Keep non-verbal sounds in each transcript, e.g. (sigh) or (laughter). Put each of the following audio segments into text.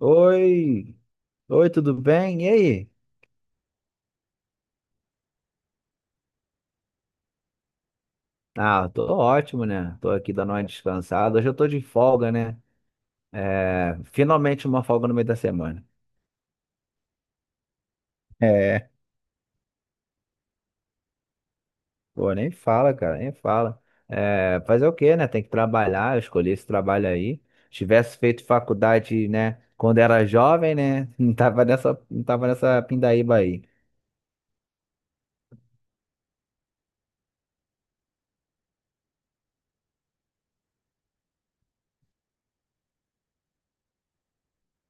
Oi, oi, tudo bem? E aí? Ah, tô ótimo, né? Tô aqui dando uma descansada. Hoje eu tô de folga, né? É, finalmente uma folga no meio da semana. É, Pô, nem fala, cara, nem fala. É, fazer o quê, né? Tem que trabalhar, eu escolhi esse trabalho aí. Se tivesse feito faculdade, né, quando era jovem, né? (laughs) Não tava nessa, não tava nessa pindaíba aí.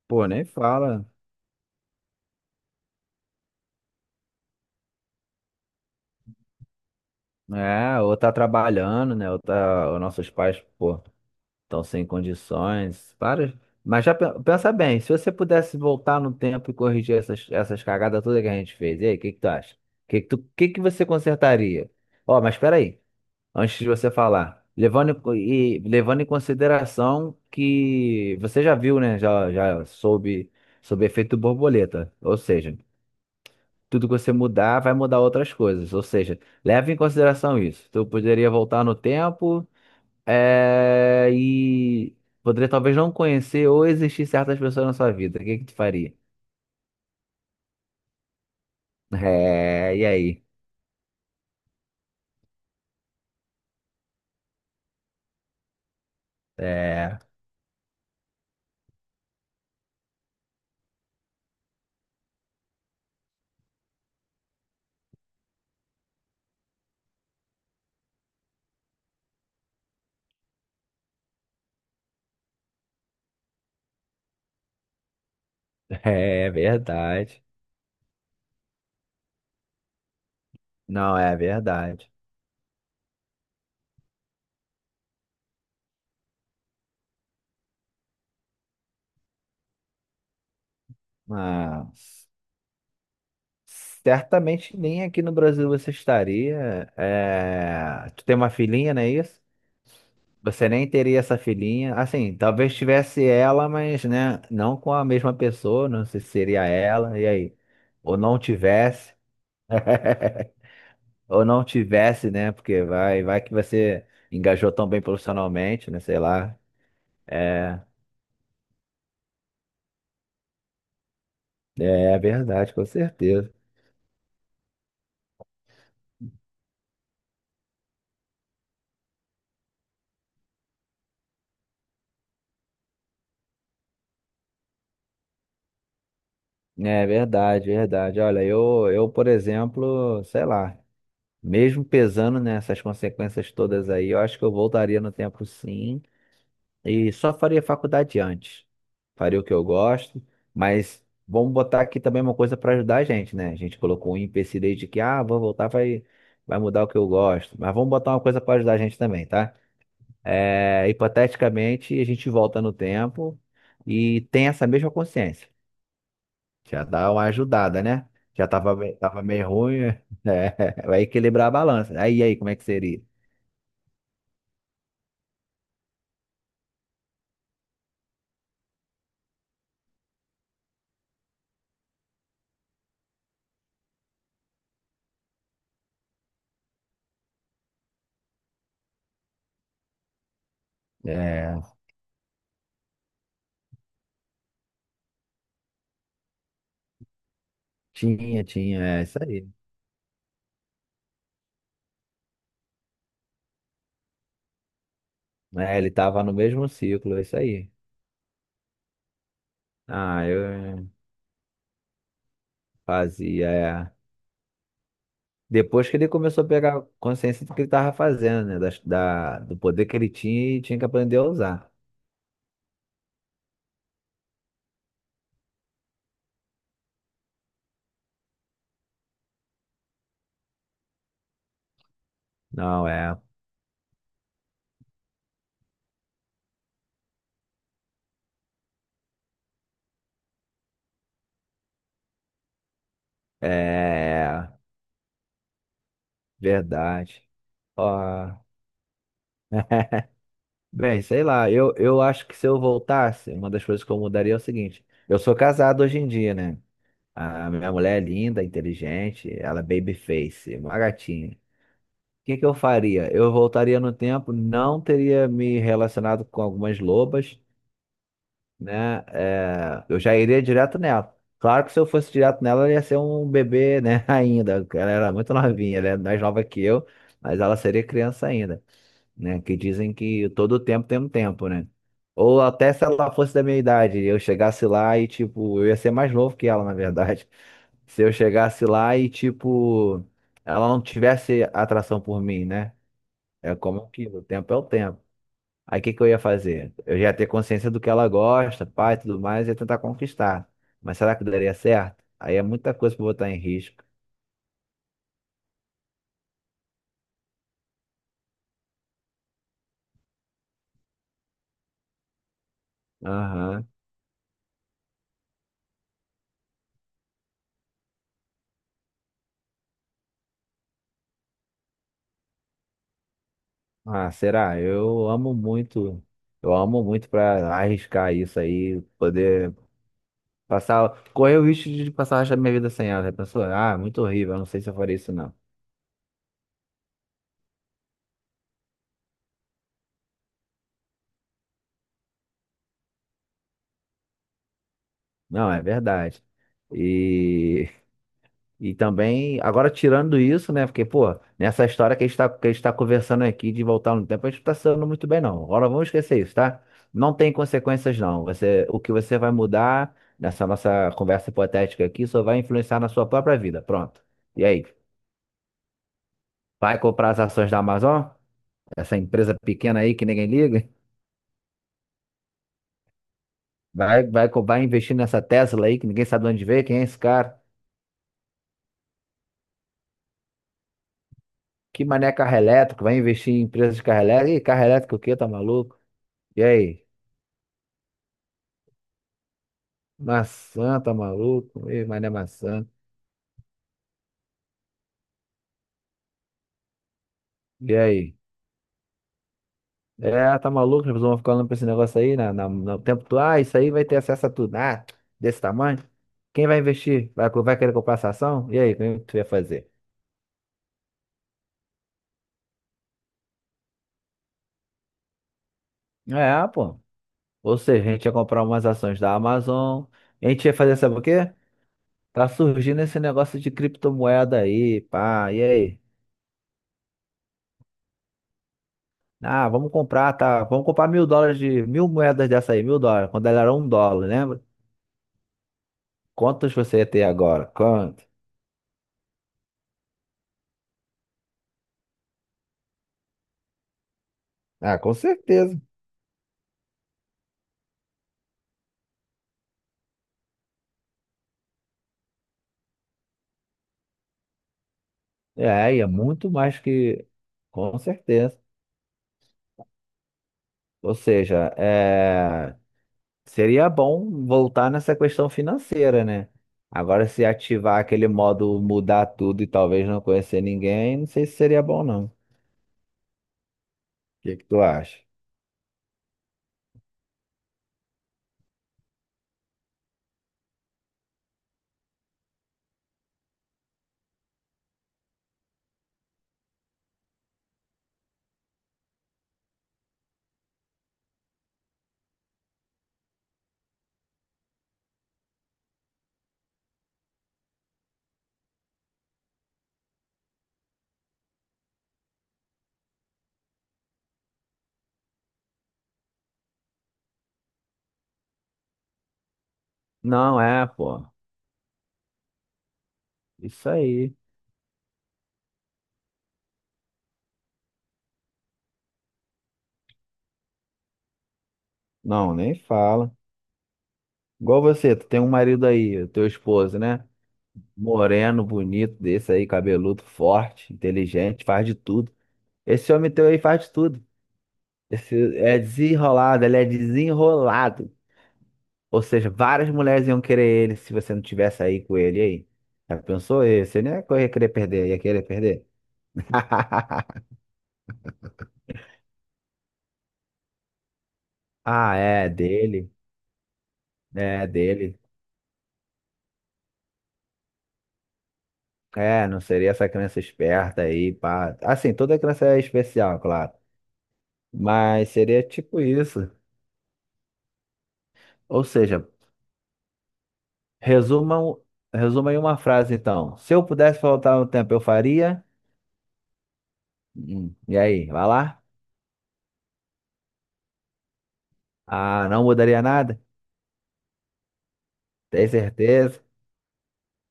Pô, nem fala. É, ou tá trabalhando, né? Ou tá, os nossos pais, pô. Estão sem condições. Para. Mas já pensa bem, se você pudesse voltar no tempo e corrigir essas, essas cagadas todas que a gente fez, e aí, o que que tu acha? O que que tu, que você consertaria? Ó, mas espera aí, antes de você falar, levando em consideração que você já viu, né? Já soube sobre efeito borboleta, ou seja, tudo que você mudar vai mudar outras coisas, ou seja, leve em consideração isso. Tu poderia voltar no tempo e poderia talvez não conhecer ou existir certas pessoas na sua vida. O que que tu faria? É, e aí? (laughs) É, é verdade. Não, é verdade. Mas certamente nem aqui no Brasil você estaria. É, tu tem uma filhinha, não é isso? Você nem teria essa filhinha. Assim, talvez tivesse ela, mas né, não com a mesma pessoa. Não sei se seria ela. E aí? Ou não tivesse. (laughs) Ou não tivesse, né? Porque vai, vai que você engajou tão bem profissionalmente, né? Sei lá. É, é, é verdade, com certeza. É verdade, verdade. Olha, eu, por exemplo, sei lá, mesmo pesando nessas consequências todas aí, eu acho que eu voltaria no tempo sim. E só faria faculdade antes. Faria o que eu gosto, mas vamos botar aqui também uma coisa para ajudar a gente, né? A gente colocou um empecilho aí de que, ah, vou voltar, vai mudar o que eu gosto. Mas vamos botar uma coisa para ajudar a gente também, tá? É, hipoteticamente, a gente volta no tempo e tem essa mesma consciência. Já dá uma ajudada, né? Já tava, tava meio ruim, (laughs) é, vai equilibrar a balança. Aí, como é que seria? É, tinha, é isso aí. É, ele tava no mesmo ciclo, é isso aí. Ah, eu fazia. É. Depois que ele começou a pegar consciência do que ele estava fazendo, né? Da, do poder que ele tinha e tinha que aprender a usar. Não, é. É. Verdade. Ó. (laughs) Bem, sei lá, eu acho que se eu voltasse, uma das coisas que eu mudaria é o seguinte: eu sou casado hoje em dia, né? A minha mulher é linda, inteligente, ela é babyface, uma gatinha. O que que eu faria? Eu voltaria no tempo, não teria me relacionado com algumas lobas, né? É, eu já iria direto nela. Claro que se eu fosse direto nela, ela ia ser um bebê, né? (laughs) Ainda. Ela era muito novinha, ela é mais nova que eu, mas ela seria criança ainda, né? Que dizem que todo tempo tem um tempo, né? Ou até se ela fosse da minha idade, eu chegasse lá e, tipo, eu ia ser mais novo que ela, na verdade. (laughs) Se eu chegasse lá e, tipo, ela não tivesse atração por mim, né? É como aquilo, o tempo é o tempo. Aí o que que eu ia fazer? Eu já ia ter consciência do que ela gosta, pai, tudo mais, e ia tentar conquistar. Mas será que daria certo? Aí é muita coisa pra botar em risco. Aham. Ah, será? Eu amo muito. Eu amo muito pra arriscar isso aí, poder passar, correr o risco de passar o resto da minha vida sem ela. Já pensou? Ah, muito horrível, eu não sei se eu faria isso não. Não, é verdade. E E também, agora tirando isso, né? Porque, pô, nessa história que a gente tá, que a gente tá conversando aqui de voltar no tempo, a gente não tá se dando muito bem, não. Agora vamos esquecer isso, tá? Não tem consequências, não. Você, o que você vai mudar nessa nossa conversa hipotética aqui só vai influenciar na sua própria vida. Pronto. E aí? Vai comprar as ações da Amazon? Essa empresa pequena aí que ninguém liga? Vai investir nessa Tesla aí que ninguém sabe de onde veio? Quem é esse cara? Que mané carro elétrico? Vai investir em empresas de carro elétrico? Ih, carro elétrico o quê? Tá maluco? E aí? Maçã, tá maluco? Ih, mas não é maçã. E aí? É, tá maluco? As pessoas vão ficar olhando pra esse negócio aí no tempo todo. Ah, isso aí vai ter acesso a tudo. Ah, desse tamanho. Quem vai investir? Vai querer comprar essa ação? E aí, o que tu ia fazer? É, pô. Ou seja, a gente ia comprar umas ações da Amazon. A gente ia fazer, sabe o quê? Tá surgindo esse negócio de criptomoeda aí, pá. E aí? Ah, vamos comprar, tá? Vamos comprar 1.000 dólares de 1.000 moedas dessa aí, 1.000 dólares, quando ela era um dólar, né? Quantas você ia ter agora? Quanto? Ah, com certeza. É, e é muito mais que. Com certeza. Ou seja, é, seria bom voltar nessa questão financeira, né? Agora, se ativar aquele modo mudar tudo e talvez não conhecer ninguém, não sei se seria bom, não. O que que tu acha? Não, é, pô. Isso aí. Não, nem fala. Igual você, tu tem um marido aí, o teu esposo, né? Moreno, bonito, desse aí, cabeludo, forte, inteligente, faz de tudo. Esse homem teu aí faz de tudo. Esse é desenrolado, ele é desenrolado. Ou seja, várias mulheres iam querer ele se você não tivesse aí com ele. E aí. Já pensou? E você nem ia querer perder, ia querer perder. (laughs) Ah, é dele, é dele. É, não seria essa criança esperta aí, pá. Assim, toda criança é especial, claro. Mas seria tipo isso. Ou seja, resuma, resuma aí uma frase então. Se eu pudesse voltar no tempo, eu faria. E aí, vai lá? Ah, não mudaria nada? Tem certeza?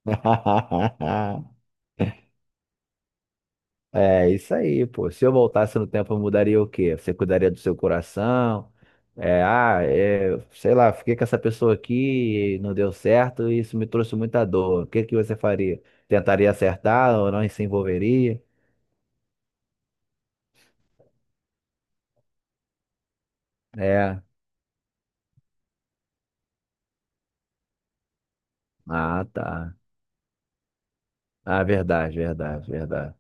(laughs) É isso aí, pô. Se eu voltasse no tempo, eu mudaria o quê? Você cuidaria do seu coração? É, ah, é, sei lá, fiquei com essa pessoa aqui, não deu certo, e isso me trouxe muita dor. O que que você faria? Tentaria acertar ou não se envolveria? É. Ah, tá. Ah, verdade, verdade, verdade.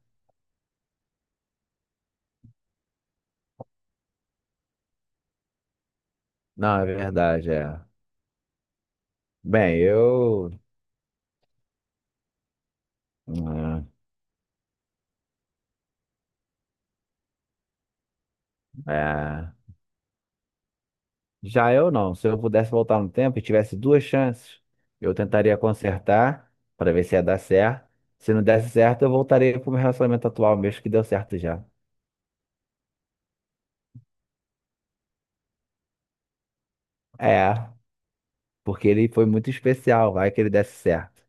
Não, é verdade, é. Bem, eu. Hum. É. Já eu não. Se eu pudesse voltar no tempo e tivesse duas chances, eu tentaria consertar para ver se ia dar certo. Se não desse certo, eu voltaria pro meu relacionamento atual mesmo, que deu certo já. É, porque ele foi muito especial, vai que ele desse certo.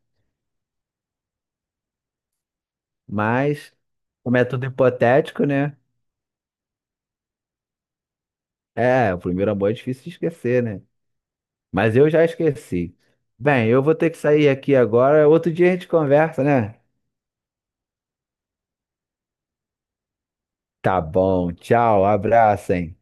Mas, como é tudo hipotético, né? É, o primeiro amor é difícil de esquecer, né? Mas eu já esqueci. Bem, eu vou ter que sair aqui agora. Outro dia a gente conversa, né? Tá bom, tchau, abraço, hein?